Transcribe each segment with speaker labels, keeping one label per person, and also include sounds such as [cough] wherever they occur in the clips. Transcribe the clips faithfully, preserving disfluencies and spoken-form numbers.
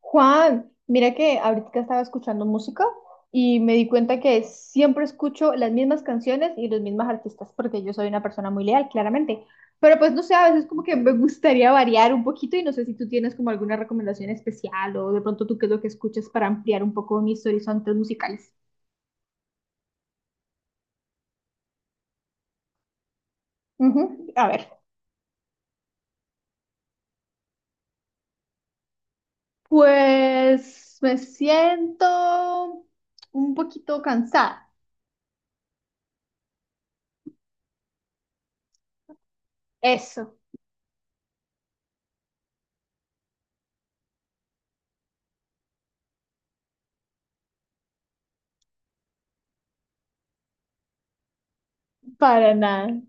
Speaker 1: Juan, mira que ahorita estaba escuchando música y me di cuenta que siempre escucho las mismas canciones y los mismos artistas, porque yo soy una persona muy leal, claramente. Pero pues no sé, a veces como que me gustaría variar un poquito y no sé si tú tienes como alguna recomendación especial o de pronto tú qué es lo que escuchas para ampliar un poco mis horizontes musicales. Ujú, a ver, pues me siento un poquito cansada. Eso, para nada.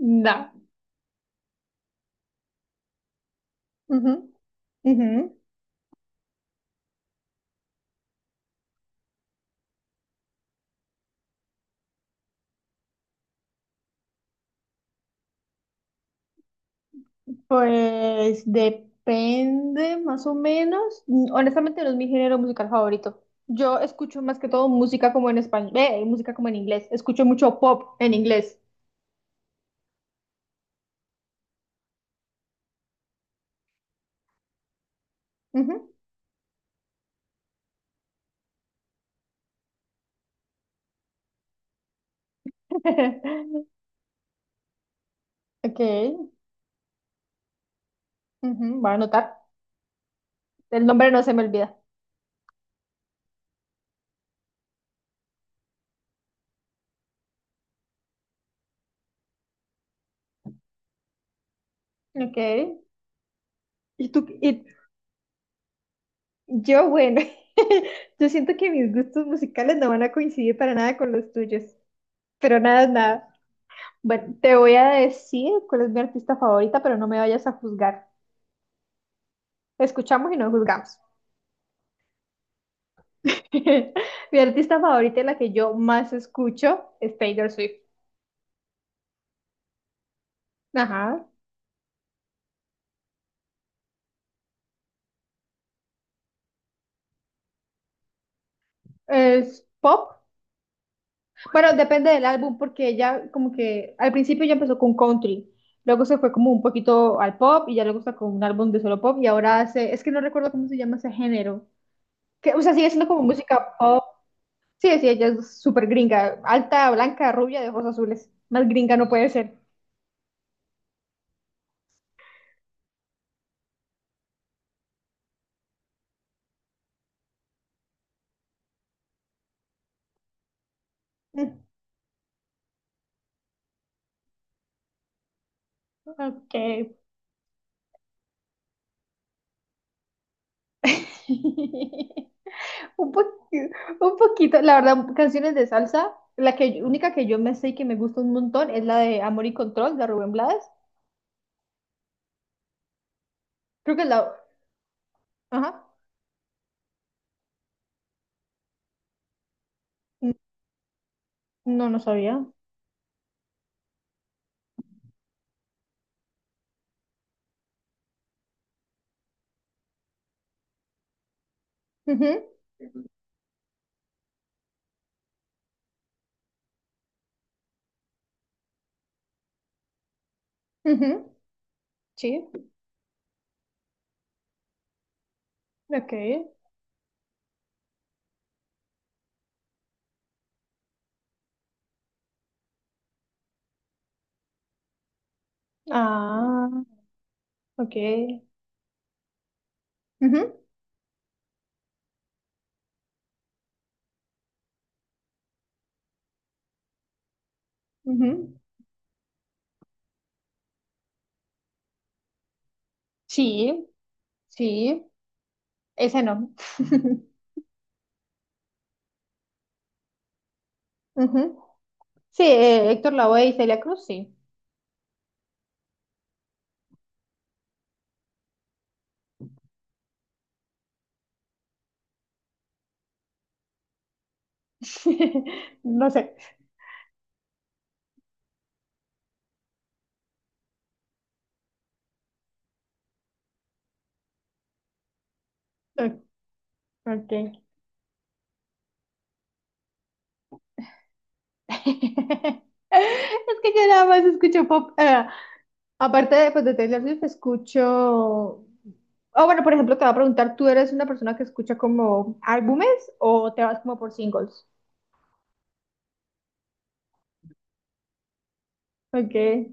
Speaker 1: No. Ujú, ujú. Pues depende, más o menos. Mm, Honestamente, no es mi género musical favorito. Yo escucho más que todo música como en español, eh, música como en inglés. Escucho mucho pop en inglés. Ujú. [laughs] Ok, ujú, voy a anotar. El nombre no se me olvida. Ok. Y tú, y yo, bueno, [laughs] yo siento que mis gustos musicales no van a coincidir para nada con los tuyos. Pero nada, nada. Bueno, te voy a decir cuál es mi artista favorita, pero no me vayas a juzgar. Escuchamos y no juzgamos. [laughs] Mi artista favorita y la que yo más escucho es Taylor Swift. Ajá. Es pop. Bueno, depende del álbum porque ella como que al principio ya empezó con country. Luego se fue como un poquito al pop y ya luego sacó un álbum de solo pop y ahora hace, es que no recuerdo cómo se llama ese género. Que, o sea, sigue siendo como música pop. Sí, sí, ella es súper gringa. Alta, blanca, rubia, de ojos azules. Más gringa no puede ser. Mm, ok. [laughs] Un poquito, un poquito, la verdad, canciones de salsa. La que, única que yo me sé y que me gusta un montón es la de Amor y Control de Rubén Blades. Creo que es la. Ajá. N- No, no sabía. Ujú, ujú, sí, ok. Ah, ok. Ujú, ujú. Sí, sí. Ese no. Ujú. Sí, eh, Héctor Lavoe y Celia Cruz, sí. [laughs] No sé. Ok. [laughs] Es que yo nada más escucho pop. ah, Aparte de, pues, de Taylor Swift, escucho... Oh, bueno, por ejemplo, te voy a preguntar, ¿tú eres una persona que escucha como álbumes o te vas como por singles? Okay.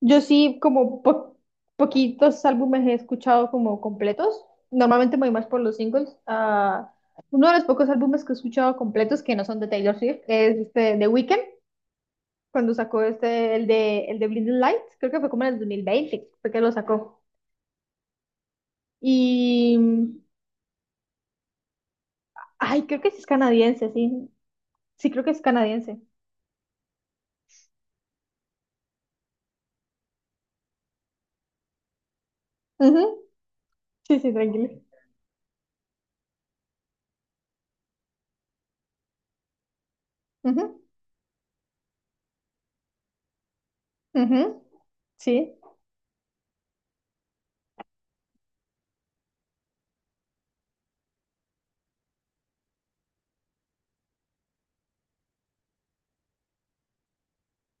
Speaker 1: Yo sí, como po- poquitos álbumes he escuchado como completos. Normalmente me voy más por los singles. Ah, uno de los pocos álbumes que he escuchado completos que no son de Taylor Swift es este The Weeknd, cuando sacó este, el de, el de Blinding Lights. Creo que fue como en el dos mil veinte, fue que lo sacó. Y... Ay, creo que sí es canadiense, sí. Sí, creo que es canadiense. Ujú. Sí, sí, tranquilo. Ujú, ujú, sí,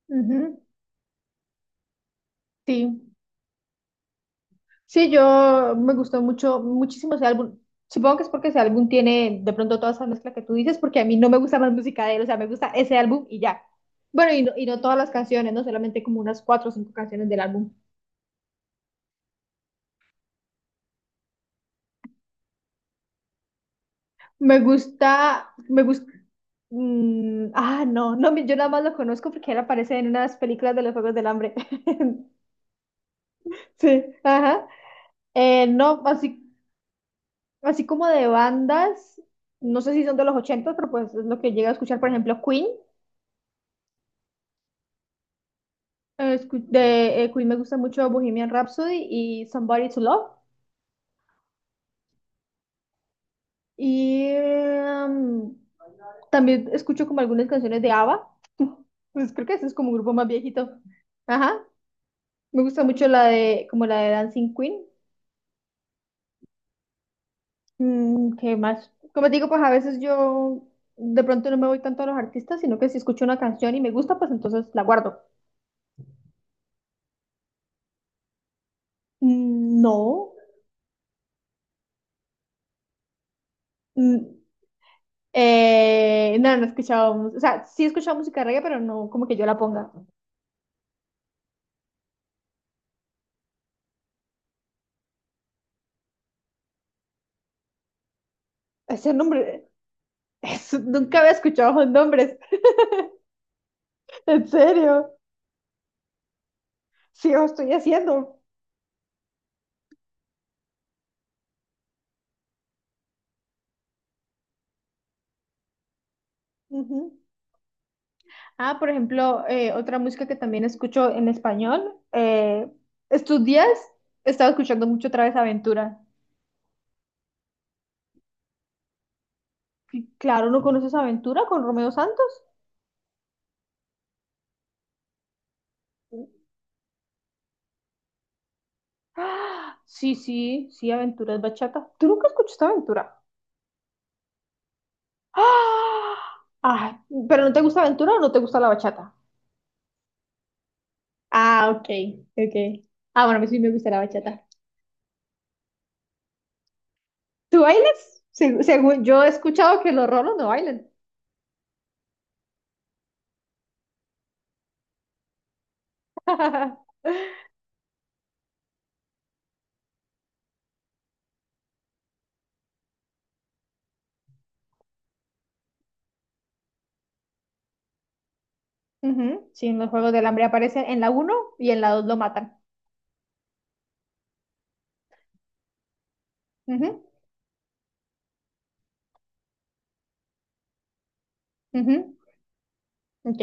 Speaker 1: ujú, sí. Sí, yo me gustó mucho, muchísimo ese álbum. Supongo que es porque ese álbum tiene de pronto toda esa mezcla que tú dices, porque a mí no me gusta más música de él, o sea, me gusta ese álbum y ya. Bueno, y no, y no todas las canciones, no solamente como unas cuatro o cinco canciones del álbum. Me gusta, me gusta, mm, ah, no, no, yo nada más lo conozco porque él aparece en unas películas de los Juegos del Hambre. [laughs] Sí, ajá. Eh, no, así Así como de bandas, no sé si son de los ochenta, pero pues es lo que llega a escuchar, por ejemplo, Queen. Eh, escu- De, eh, Queen me gusta mucho Bohemian Rhapsody y Somebody to Love. Y em, también escucho como algunas canciones de ABBA. [laughs] Pues creo que ese es como un grupo más viejito. Ajá. Me gusta mucho la de, como la de Dancing Queen. Mm, ¿qué más? Como te digo, pues a veces yo de pronto no me voy tanto a los artistas, sino que si escucho una canción y me gusta, pues entonces la guardo. Mm. No. Mm, eh, no, no he escuchado, mus- o sea, sí he escuchado música de reggae, pero no como que yo la ponga. Ese nombre, eso, nunca había escuchado esos nombres, en serio, sí lo estoy haciendo. Ujú. Ah, por ejemplo, eh, otra música que también escucho en español, eh, estos días he estado escuchando mucho otra vez Aventura. Y claro, ¿no conoces Aventura con Romeo Santos? Ah, sí, sí, sí, Aventura es bachata. ¿Tú nunca escuchaste Aventura? [gasps] ¡Ah! Ah, ¿pero no te gusta Aventura o no te gusta la bachata? Ah, ok, ok. Ah, bueno, a mí sí me gusta la bachata. ¿Tú bailas? Se- según yo he escuchado que los rolos no bailan. [laughs] Ujú, sí, en los Juegos del Hambre aparecen en la uno y en la dos lo matan. Ujú, ujú, ok.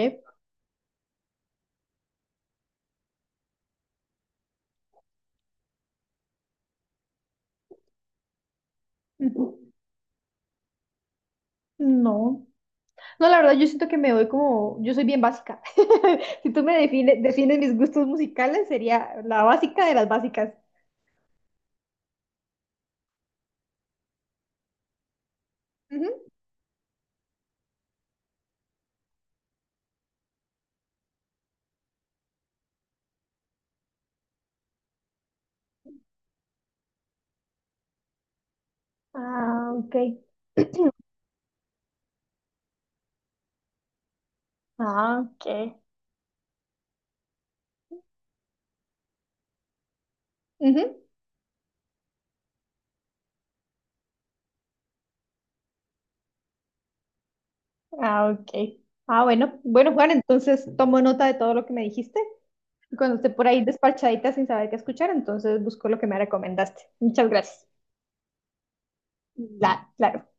Speaker 1: Ujú. No. No, la verdad, yo siento que me voy como. Yo soy bien básica. [laughs] Si tú me define- defines mis gustos musicales, sería la básica de las básicas. Ujú, ah, ok. Ah, ok. Ujú. Ah, ok. Ah, bueno. Bueno, Juan, entonces tomo nota de todo lo que me dijiste. Y cuando esté por ahí despachadita sin saber qué escuchar, entonces busco lo que me recomendaste. Muchas gracias. La, claro.